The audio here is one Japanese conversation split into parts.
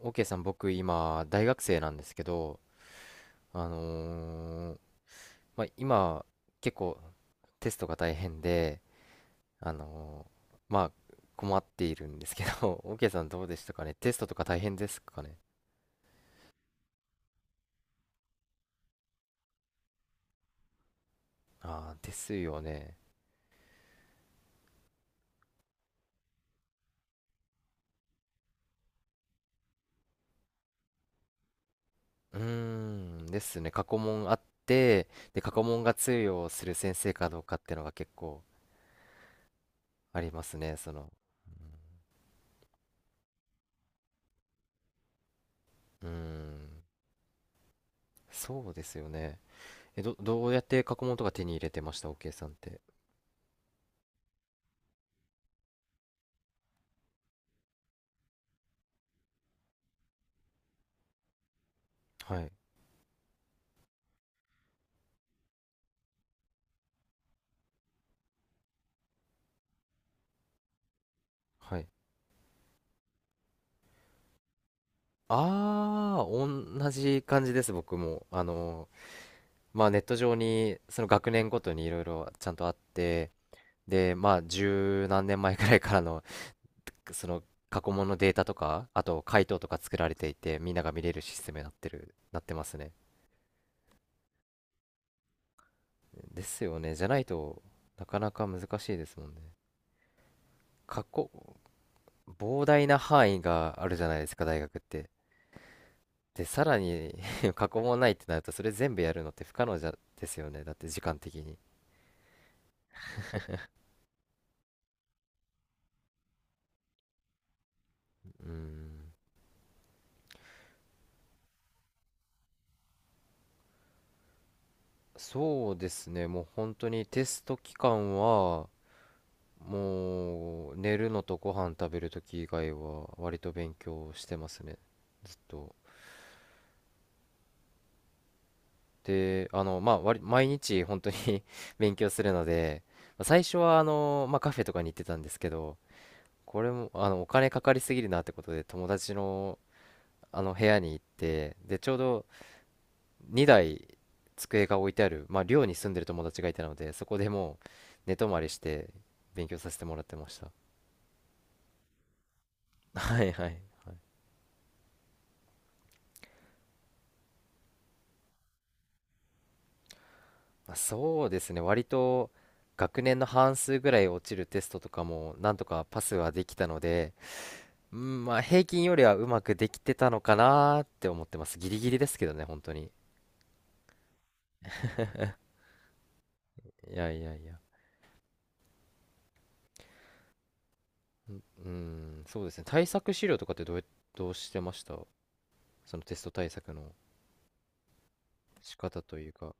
OK さん、僕今、大学生なんですけど、あのーまあ、今、結構テストが大変で、あのまあ、困っているんですけど。OK さん、どうでしたかね、テストとか大変ですかね？ああー、ですよね。うーん、ですね。過去問あって、で、過去問が通用する先生かどうかっていうのが結構ありますね。うん、うーん、そうですよね。え、どうやって過去問とか手に入れてました？ OK さんって。はい。はい。ああ、同じ感じです、僕も。まあ、ネット上に、その学年ごとにいろいろちゃんとあって、で、まあ、十何年前くらいからの、その、過去問のデータとか、あと、回答とか作られていて、みんなが見れるシステムになってますね。ですよね。じゃないとなかなか難しいですもんね。過去、膨大な範囲があるじゃないですか、大学って。で、さらに 過去問ないってなると、それ全部やるのって不可能じゃ、ですよね。だって時間的に。うん、そうですね、もう本当にテスト期間は、もう寝るのとご飯食べるとき以外は、割と勉強してますね、ずっと。で、まあ、割毎日本当に 勉強するので、まあ最初はまあ、カフェとかに行ってたんですけど、これも、お金かかりすぎるなってことで、友達の、あの部屋に行って、で、ちょうど2台机が置いてある、まあ、寮に住んでる友達がいたので、そこでもう寝泊まりして勉強させてもらってました。はいはいはい。まあ、そうですね、割と学年の半数ぐらい落ちるテストとかもなんとかパスはできたので、うん、まあ平均よりはうまくできてたのかなーって思ってます。ギリギリですけどね、本当に。いやいやいや。うん、うん、そうですね。対策資料とかってどうしてました、そのテスト対策の仕方というか。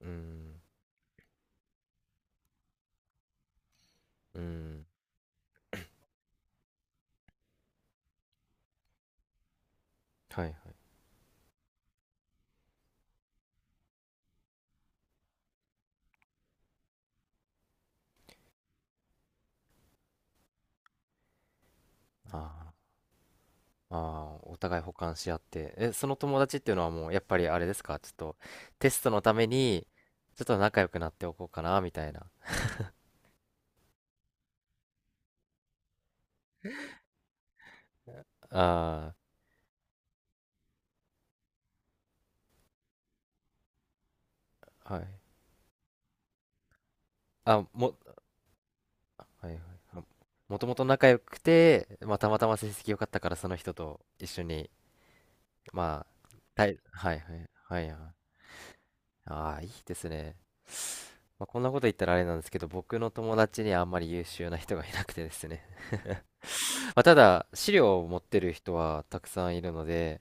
うん、うん。はいはい。あーあー、お互い補完し合って。え、その友達っていうのはもう、やっぱりあれですかちょっと、テストのために、ちょっと仲良くなっておこうかな、みたいな。ああ、はい。あ、はいはい。あ、もともと仲良くて、まあ、たまたま成績良かったから、その人と一緒に、まあ、はいはい、はいはい。ああ、いいですね。まあ、こんなこと言ったらあれなんですけど、僕の友達にあんまり優秀な人がいなくてですね。まあ、ただ、資料を持ってる人はたくさんいるので、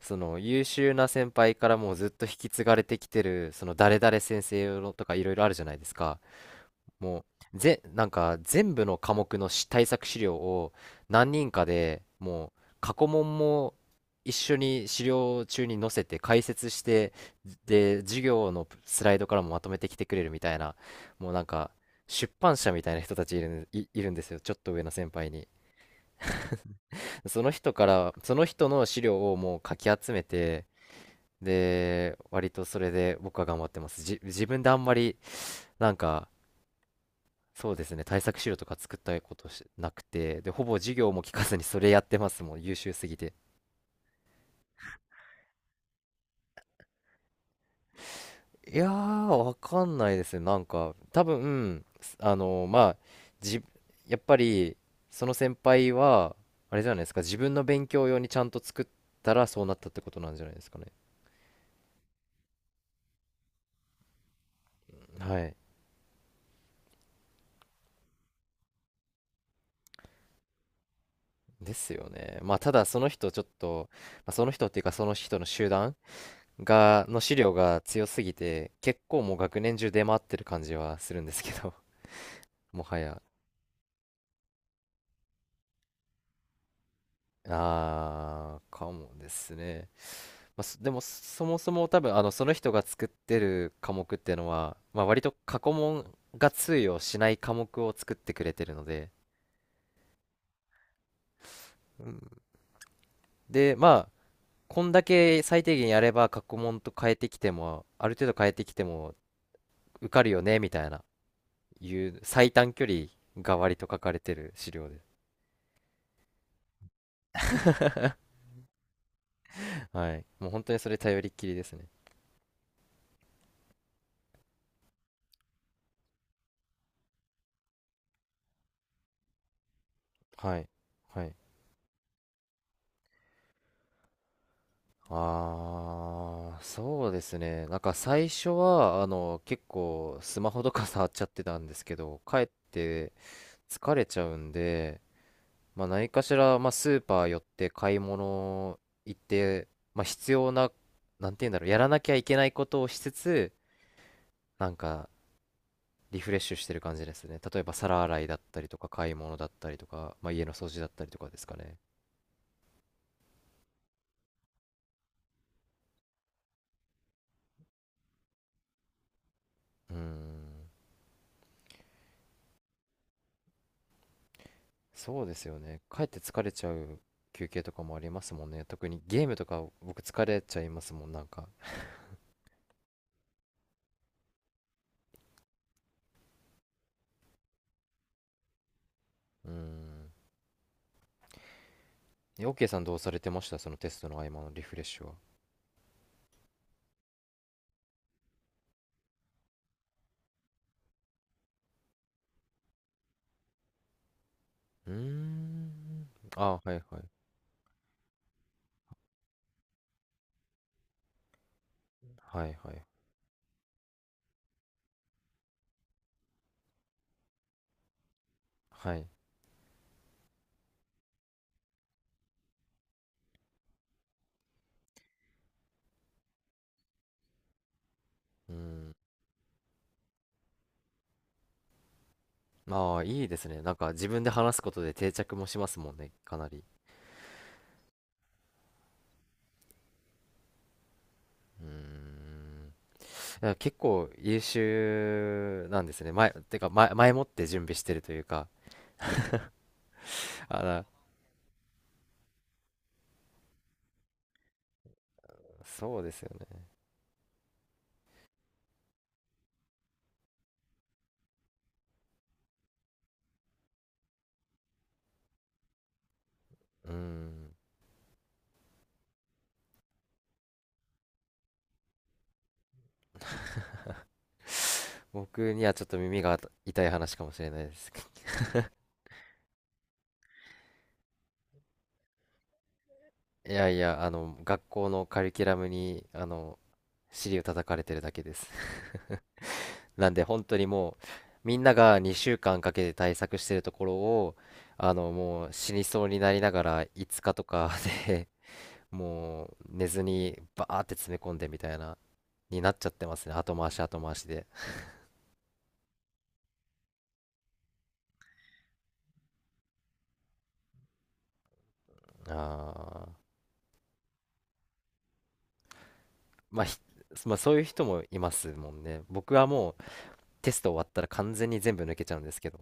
その優秀な先輩からもうずっと引き継がれてきてる、その誰々先生のとかいろいろあるじゃないですか。もうなんか全部の科目の対策資料を、何人かでもう過去問も一緒に資料中に載せて解説して、で、授業のスライドからもまとめてきてくれるみたいな、もうなんか出版社みたいな人たちいるんですよ、ちょっと上の先輩に。 その人からその人の資料をもうかき集めて、で、割とそれで僕は頑張ってます。自分であんまり、なんか、そうですね、対策資料とか作ったことしなくて、で、ほぼ授業も聞かずにそれやってますもん、優秀すぎて。いやー、わかんないですね。なんか、多分、まあ、じ、やっぱり、その先輩は、あれじゃないですか、自分の勉強用にちゃんと作ったらそうなったってことなんじゃないですかね。はい。ですよね。まあ、ただ、その人、ちょっと、まあ、その人っていうか、その人の集団の資料が強すぎて、結構もう学年中出回ってる感じはするんですけど、もはや。あー、かもですね。まあ、そもそも多分、その人が作ってる科目っていうのは、まあ、割と過去問が通用しない科目を作ってくれてるので、うん。で、まあ、こんだけ最低限やれば過去問と変えてきても、ある程度変えてきても受かるよね、みたいな、いう最短距離が割と書かれてる資料で。はい。もう本当にそれ頼りっきりですね。はい。はい。あー、そうですね。なんか最初は、結構スマホとか触っちゃってたんですけど、帰って疲れちゃうんで、まあ何かしら、まあスーパー寄って買い物行って、まあ必要な、なんて言うんだろう、やらなきゃいけないことをしつつ、なんかリフレッシュしてる感じですね。例えば皿洗いだったりとか、買い物だったりとか、まあ家の掃除だったりとかですかね。うーん。そうですよね。かえって疲れちゃう休憩とかもありますもんね。特にゲームとか僕疲れちゃいますもん、なんか。うーん。え、OK さん、どうされてました、そのテストの合間のリフレッシュは？うーん。あ、はいはい。はいはい。はい。うーん。ああ、いいですね。なんか自分で話すことで定着もしますもんね、かなり。うーん。いや結構優秀なんですね。前もって準備してるというか。あら、そうですよね。うーん。僕にはちょっと耳が痛い話かもしれないですけど。いやいや、学校のカリキュラムに、尻を叩かれてるだけです。なんで本当にもう、みんなが2週間かんかけて対策してるところを、もう死にそうになりながら5日とかで、もう寝ずにバーって詰め込んでみたいな、になっちゃってますね。後回し後回しで。あー、まあ、まあそういう人もいますもんね。僕はもうテスト終わったら完全に全部抜けちゃうんですけど